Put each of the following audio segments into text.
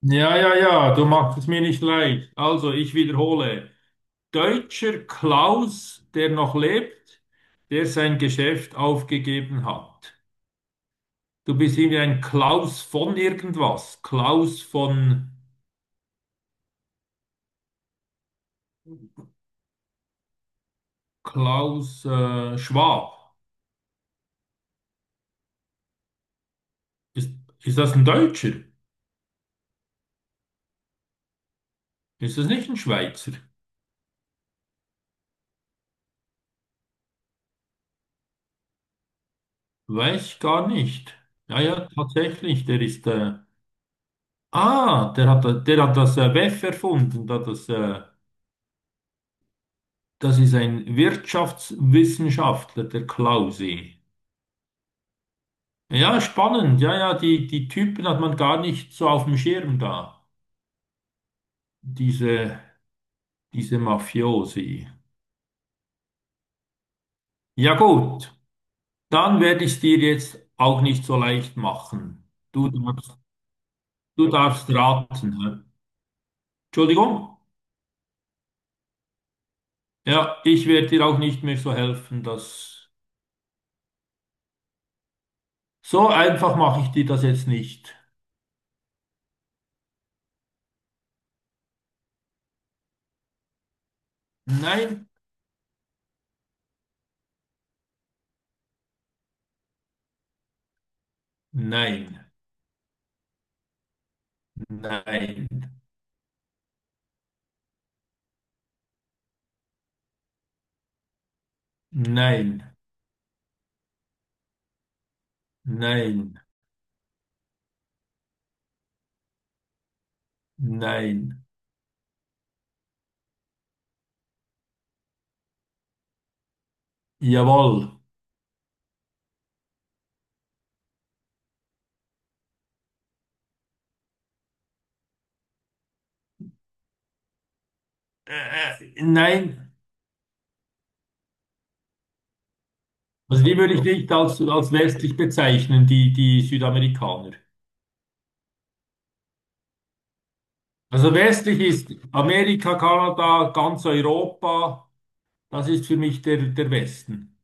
Ja, ja, ja, du machst es mir nicht leicht. Also, ich wiederhole. Deutscher Klaus, der noch lebt, der sein Geschäft aufgegeben hat. Du bist irgendwie ein Klaus von irgendwas. Klaus von Klaus Schwab. Ist, ist das ein Deutscher? Ist das nicht ein Schweizer? Weiß ich gar nicht. Ja, ja, tatsächlich, der ist... der hat das WEF erfunden, da das. Ist ein Wirtschaftswissenschaftler, der Klause. Ja, spannend. Ja, ja, die Typen hat man gar nicht so auf dem Schirm da. Diese, diese Mafiosi. Ja, gut. Dann werde ich es dir jetzt auch nicht so leicht machen. Du darfst raten. Hä? Entschuldigung? Ja, ich werde dir auch nicht mehr so helfen. Das, so einfach mache ich dir das jetzt nicht. Nein, nein, nein, nein, nein. Nein. Jawohl. Nein. Also die würde ich nicht als westlich bezeichnen, die Südamerikaner. Also westlich ist Amerika, Kanada, ganz Europa, das ist für mich der Westen.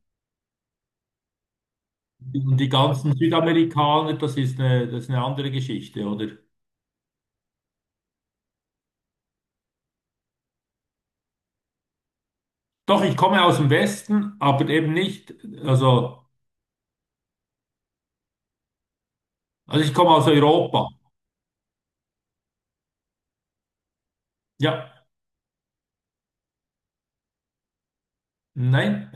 Und die ganzen Südamerikaner, das ist das ist eine andere Geschichte, oder? Doch, ich komme aus dem Westen, aber eben nicht, also, also ich komme aus Europa. Ja, nein,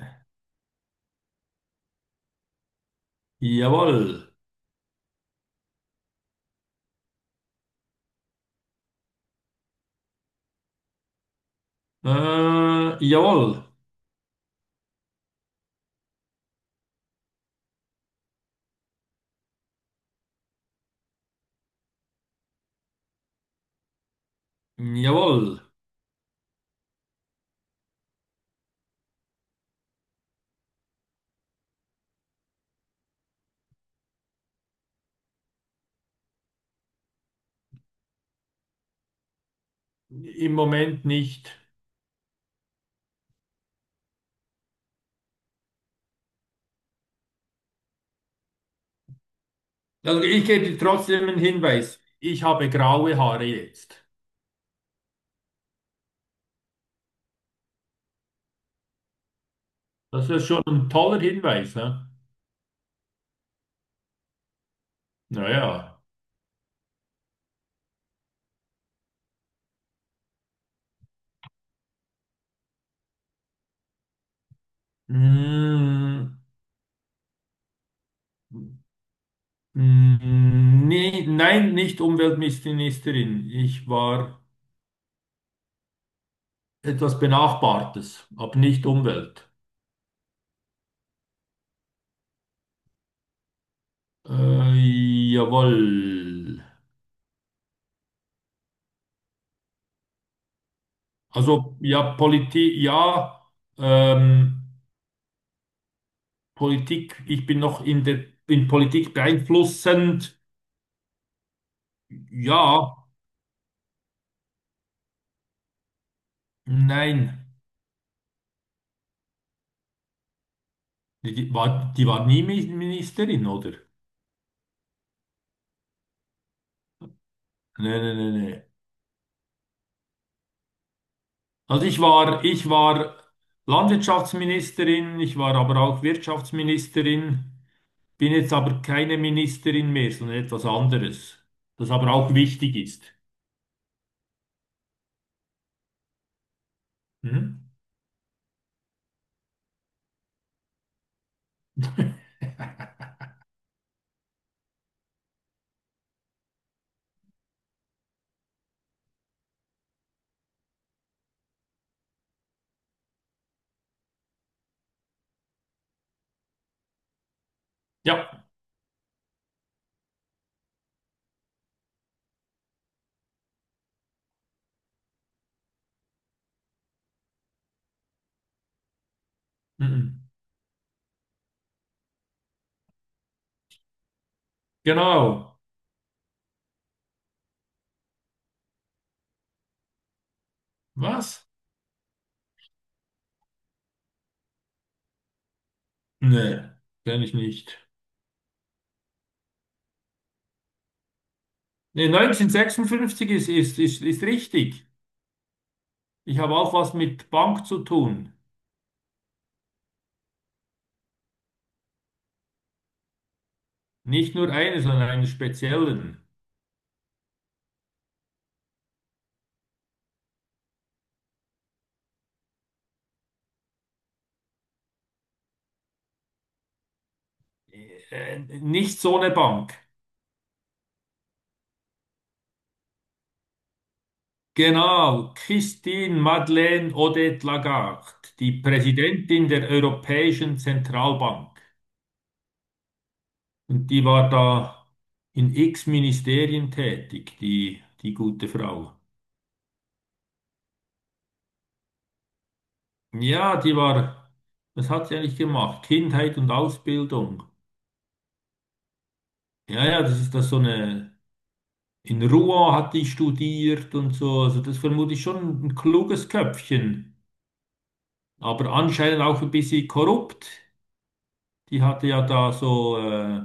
jawohl, jawohl, jawohl. Im Moment nicht. Also ich gebe dir trotzdem einen Hinweis. Ich habe graue Haare jetzt. Das ist schon ein toller Hinweis, ne? Naja. Mm, nein, nicht Umweltministerin. Ich war etwas Benachbartes, aber nicht Umwelt. Äh, jawohl. Also ja, ähm, Politik, ich bin noch in Politik beeinflussend. Ja, nein. Die war nie Ministerin, oder? Nee, nee, nee, nee. Ich war Landwirtschaftsministerin, ich war aber auch Wirtschaftsministerin, bin jetzt aber keine Ministerin mehr, sondern etwas anderes, das aber auch wichtig ist. Hm? Ja, mhm. Genau. Was? Nee, kenne ich nicht. Nee, 1956 ist richtig. Ich habe auch was mit Bank zu tun. Nicht nur eine, sondern einen speziellen. Nicht so eine Bank. Genau, Christine Madeleine Odette Lagarde, die Präsidentin der Europäischen Zentralbank. Und die war da in x Ministerien tätig, die gute Frau. Ja, die war, was hat sie eigentlich gemacht? Kindheit und Ausbildung. Ja, ja, das ist das so eine, in Rouen hat die studiert und so. Also das vermute ich schon ein kluges Köpfchen, aber anscheinend auch ein bisschen korrupt. Die hatte ja da so,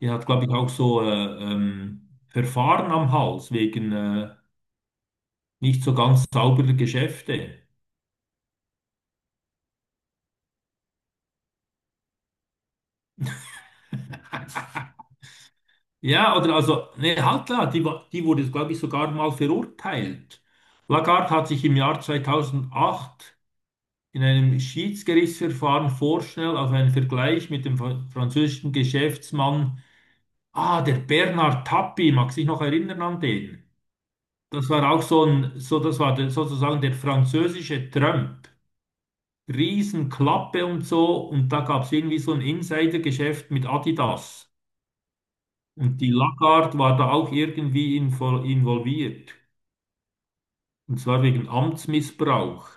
die hat, glaube ich, auch so Verfahren am Hals wegen nicht so ganz sauberer Geschäfte. Ja, oder also, nee, halt klar, die wurde, glaube ich, sogar mal verurteilt. Lagarde hat sich im Jahr 2008 in einem Schiedsgerichtsverfahren vorschnell auf einen Vergleich mit dem französischen Geschäftsmann, ah, der Bernard Tapie, mag sich noch erinnern an den? Das war auch so ein, so, das war der, sozusagen der französische Trump. Riesenklappe und so. Und da gab es irgendwie so ein Insidergeschäft mit Adidas. Und die Lagarde war da auch irgendwie involviert. Und zwar wegen Amtsmissbrauch.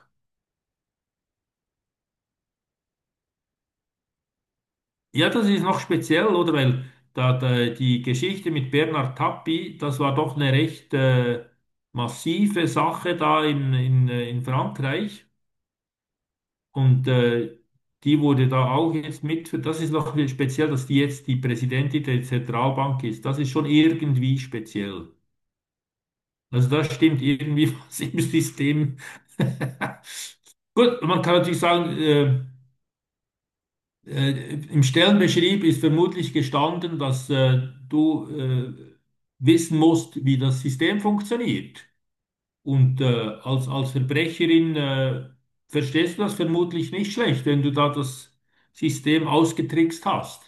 Ja, das ist noch speziell, oder? Weil die Geschichte mit Bernhard Tapie, das war doch eine recht massive Sache da in Frankreich. Und die wurde da auch jetzt mit, das ist noch speziell, dass die jetzt die Präsidentin der Zentralbank ist. Das ist schon irgendwie speziell. Also da stimmt irgendwie was im System. Gut, man kann natürlich sagen, im Stellenbeschrieb ist vermutlich gestanden, dass du wissen musst, wie das System funktioniert. Und als Verbrecherin verstehst du das vermutlich nicht schlecht, wenn du da das System ausgetrickst hast.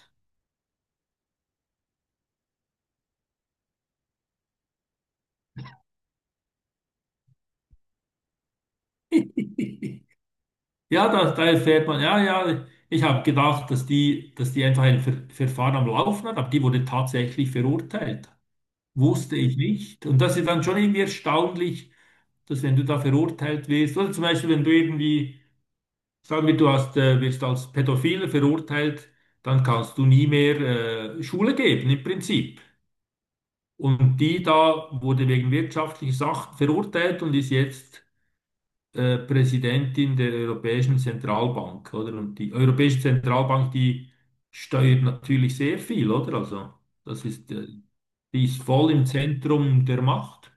Ja, da erfährt man, ja, ja, ich habe gedacht, dass die einfach ein Verfahren am Laufen hat, aber die wurde tatsächlich verurteilt. Wusste ich nicht. Und das ist dann schon irgendwie erstaunlich, dass wenn du da verurteilt wirst, oder zum Beispiel, wenn du irgendwie, sagen wir, du hast, wirst als Pädophile verurteilt, dann kannst du nie mehr Schule geben, im Prinzip. Und die da wurde wegen wirtschaftlicher Sachen verurteilt und ist jetzt Präsidentin der Europäischen Zentralbank, oder? Und die Europäische Zentralbank, die steuert natürlich sehr viel, oder? Also, das ist, die ist voll im Zentrum der Macht.